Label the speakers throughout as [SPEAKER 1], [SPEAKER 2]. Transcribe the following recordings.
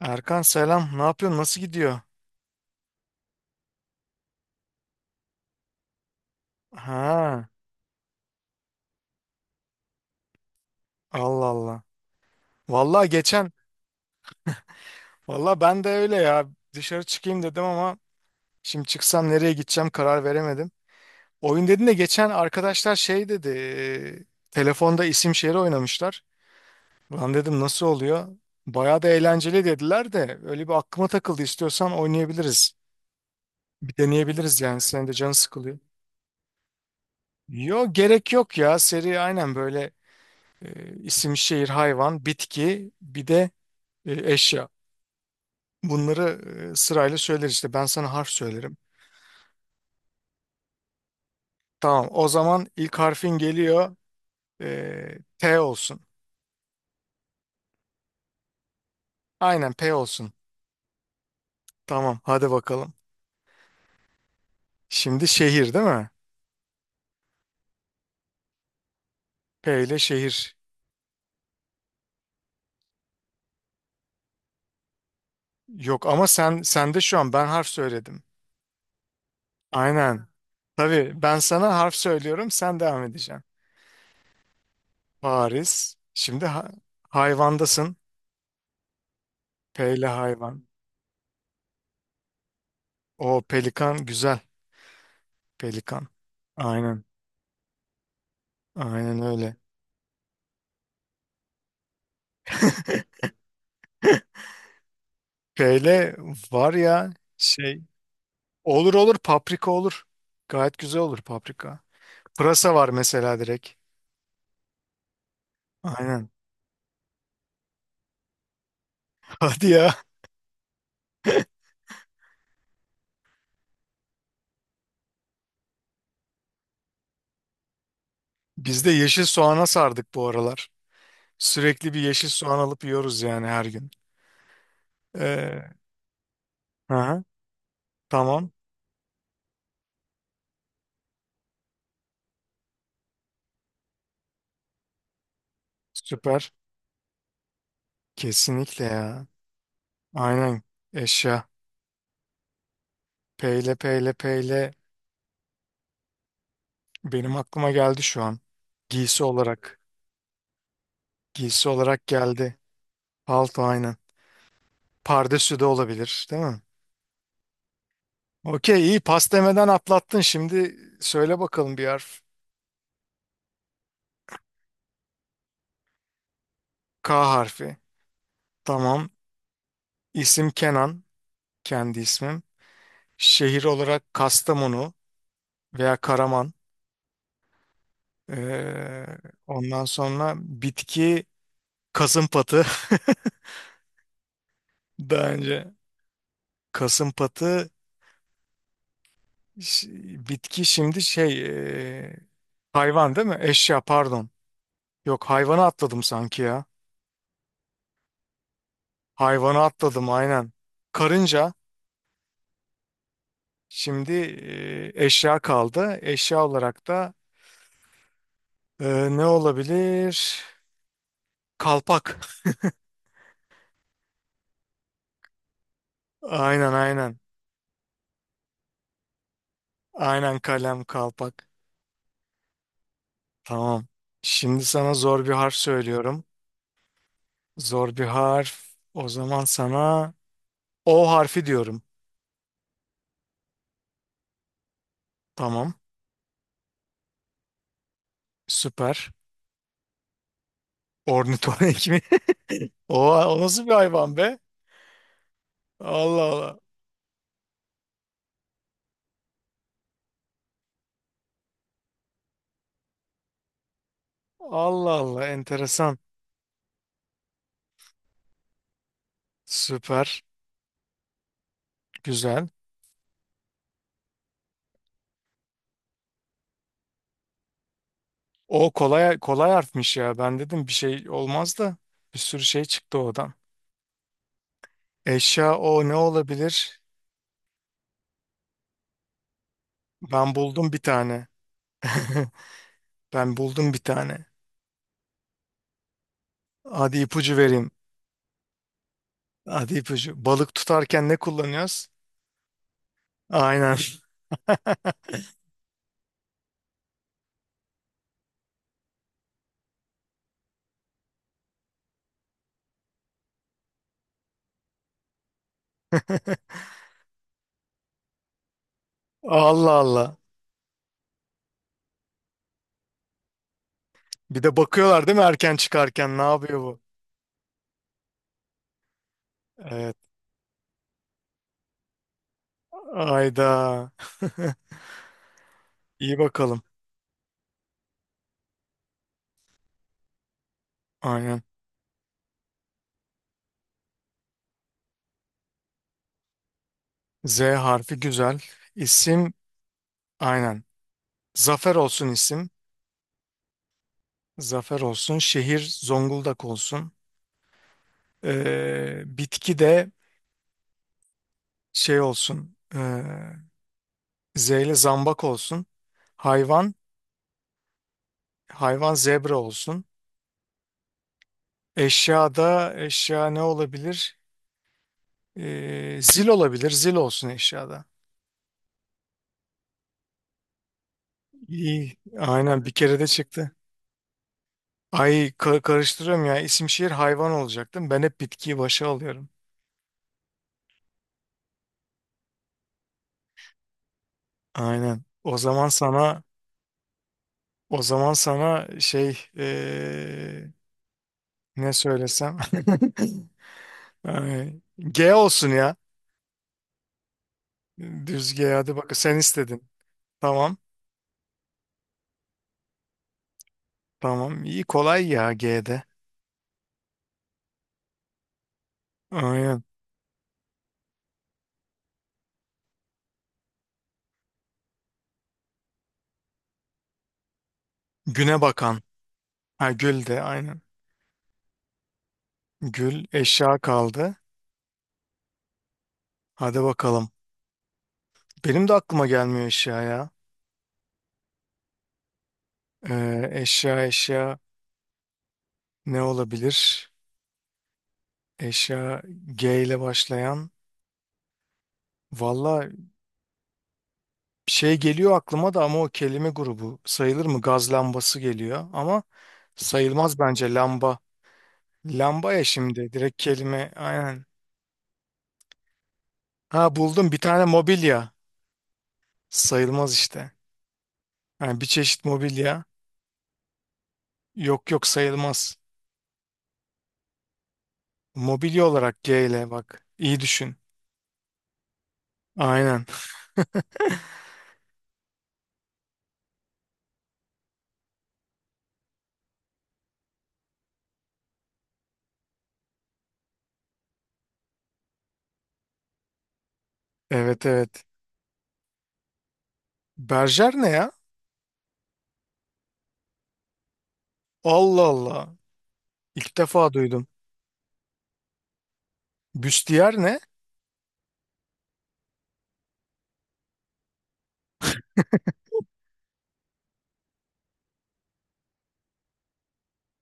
[SPEAKER 1] Erkan selam. Ne yapıyorsun? Nasıl gidiyor? Ha, Allah Allah. Vallahi geçen, vallahi ben de öyle ya. Dışarı çıkayım dedim ama şimdi çıksam nereye gideceğim karar veremedim. Oyun dedin de geçen arkadaşlar şey dedi. Telefonda isim şehri oynamışlar. Lan dedim nasıl oluyor? Bayağı da eğlenceli dediler de öyle bir aklıma takıldı. İstiyorsan oynayabiliriz. Bir deneyebiliriz yani. Senin de canın sıkılıyor. Yo gerek yok ya. Seri aynen böyle isim şehir hayvan bitki bir de eşya. Bunları sırayla söyler işte. Ben sana harf söylerim. Tamam. O zaman ilk harfin geliyor. P olsun. Aynen P olsun. Tamam. Hadi bakalım. Şimdi şehir değil mi? P ile şehir. Yok ama sen de şu an ben harf söyledim. Aynen. Tabii ben sana harf söylüyorum. Sen devam edeceksin. Paris. Şimdi hayvandasın. P ile hayvan. O pelikan güzel. Pelikan. Aynen. Aynen öyle. Şöyle var ya şey olur, olur paprika olur. Gayet güzel olur paprika. Pırasa var mesela direkt. Aynen. Hadi ya. Biz de yeşil soğana sardık bu aralar. Sürekli bir yeşil soğan alıp yiyoruz yani her gün. Ee, aha, tamam. Süper. Kesinlikle ya. Aynen. Eşya. Peyle peyle peyle. Benim aklıma geldi şu an. Giysi olarak. Giysi olarak geldi. Palto aynen. Pardesü de olabilir, değil mi? Okey, iyi, pas demeden atlattın. Şimdi söyle bakalım bir harf. K harfi. Tamam. İsim Kenan. Kendi ismim. Şehir olarak Kastamonu veya Karaman. Ee, ondan sonra bitki kasımpatı. Daha önce kasımpatı ş- bitki şimdi şey ee, hayvan değil mi? Eşya pardon. Yok, hayvanı atladım sanki ya. Hayvanı atladım aynen. Karınca. Şimdi eşya kaldı. Eşya olarak da e, ne olabilir? Kalpak. Aynen aynen. Aynen kalem kalpak. Tamam. Şimdi sana zor bir harf söylüyorum. Zor bir harf. O zaman sana O harfi diyorum. Tamam. Süper. Ornitorenk mi? O, o nasıl bir hayvan be? Allah Allah. Allah Allah. Enteresan. Süper. Güzel. O kolay kolay harfmiş ya. Ben dedim bir şey olmaz da bir sürü şey çıktı oradan. Eşya o ne olabilir? Ben buldum bir tane. Ben buldum bir tane. Hadi ipucu vereyim. Hadi ipucu. Balık tutarken ne kullanıyoruz? Aynen. Allah Allah. Bir de bakıyorlar değil mi, erken çıkarken ne yapıyor bu? Evet. Ayda. İyi bakalım. Aynen. Z harfi güzel. İsim aynen. Zafer olsun isim. Zafer olsun, şehir Zonguldak olsun, bitki de şey olsun, Z ile zambak olsun, hayvan, hayvan zebra olsun, eşya da eşya ne olabilir? Zil olabilir, zil olsun eşyada. İyi, aynen bir kere de çıktı. Ay, karıştırıyorum ya, isim şehir hayvan olacaktım, ben hep bitkiyi başa alıyorum. Aynen, o zaman sana şey, ne söylesem? Ay, G olsun ya. Düz G, hadi bak sen istedin. Tamam. Tamam. İyi, kolay ya G'de. Aynen. Güne bakan. Ha, gül de aynen. Gül eşya kaldı. Hadi bakalım. Benim de aklıma gelmiyor eşya ya. Eşya ne olabilir? Eşya G ile başlayan. Valla şey geliyor aklıma da, ama o kelime grubu sayılır mı? Gaz lambası geliyor ama sayılmaz bence lamba. Lamba ya şimdi direkt kelime aynen. Ha, buldum bir tane mobilya. Sayılmaz işte. Yani bir çeşit mobilya. Yok yok, sayılmaz. Mobilya olarak G ile bak. İyi düşün. Aynen. Evet evet. Berjer ne ya? Allah Allah. İlk defa duydum. Büstiyer ne?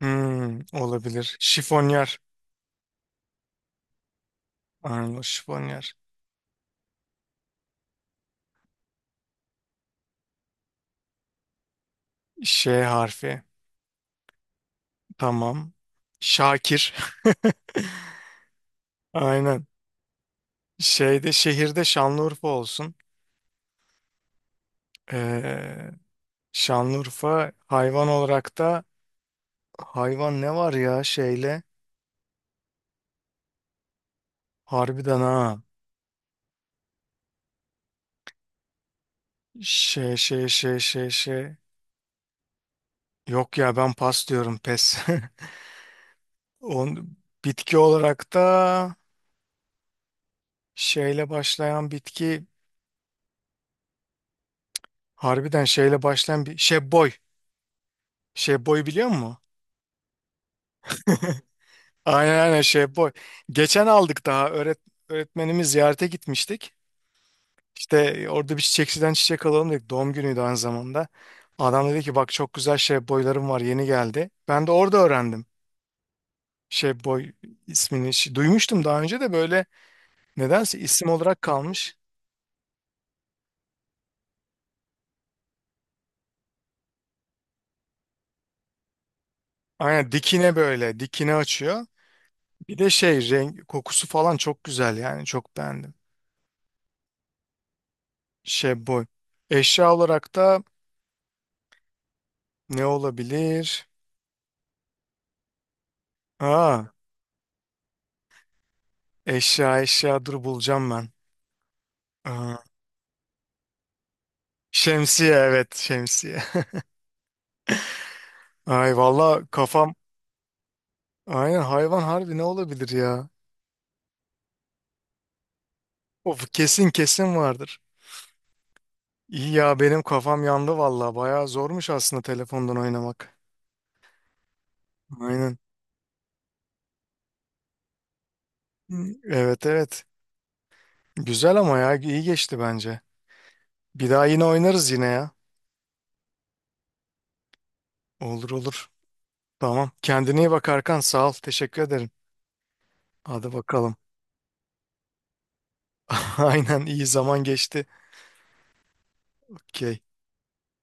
[SPEAKER 1] Hmm, olabilir. Şifonyer. Aynen şifonyer. Ş harfi. Tamam. Şakir. Aynen. Şeyde, şehirde Şanlıurfa olsun. Ee, Şanlıurfa, hayvan olarak da hayvan ne var ya şeyle, harbiden ha şey yok ya, ben pas diyorum, pes. On, bitki olarak da şeyle başlayan bitki, harbiden şeyle başlayan bir şey boy, şey boy biliyor musun? Aynen aynen şey boy geçen aldık, daha öğret öğretmenimiz ziyarete gitmiştik. İşte orada bir çiçekçiden çiçek alalım dedik. Doğum günüydü aynı zamanda. Adam dedi ki, bak çok güzel şey boylarım var yeni geldi. Ben de orada öğrendim. Şey boy ismini duymuştum daha önce de, böyle nedense isim olarak kalmış. Aynen dikine, böyle dikine açıyor. Bir de şey renk kokusu falan çok güzel yani, çok beğendim. Şey boy. Eşya olarak da ne olabilir? Aa, eşya dur, bulacağım ben. Aa, şemsiye, evet şemsiye. Ay valla kafam. Aynen, hayvan harbi ne olabilir ya? Of, kesin kesin vardır. İyi ya, benim kafam yandı valla. Bayağı zormuş aslında telefondan oynamak. Aynen. Evet evet. Güzel ama ya, iyi geçti bence. Bir daha yine oynarız yine ya. Olur olur. Tamam. Kendine iyi bak Arkan. Sağ ol. Teşekkür ederim. Hadi bakalım. Aynen, iyi zaman geçti. Okey.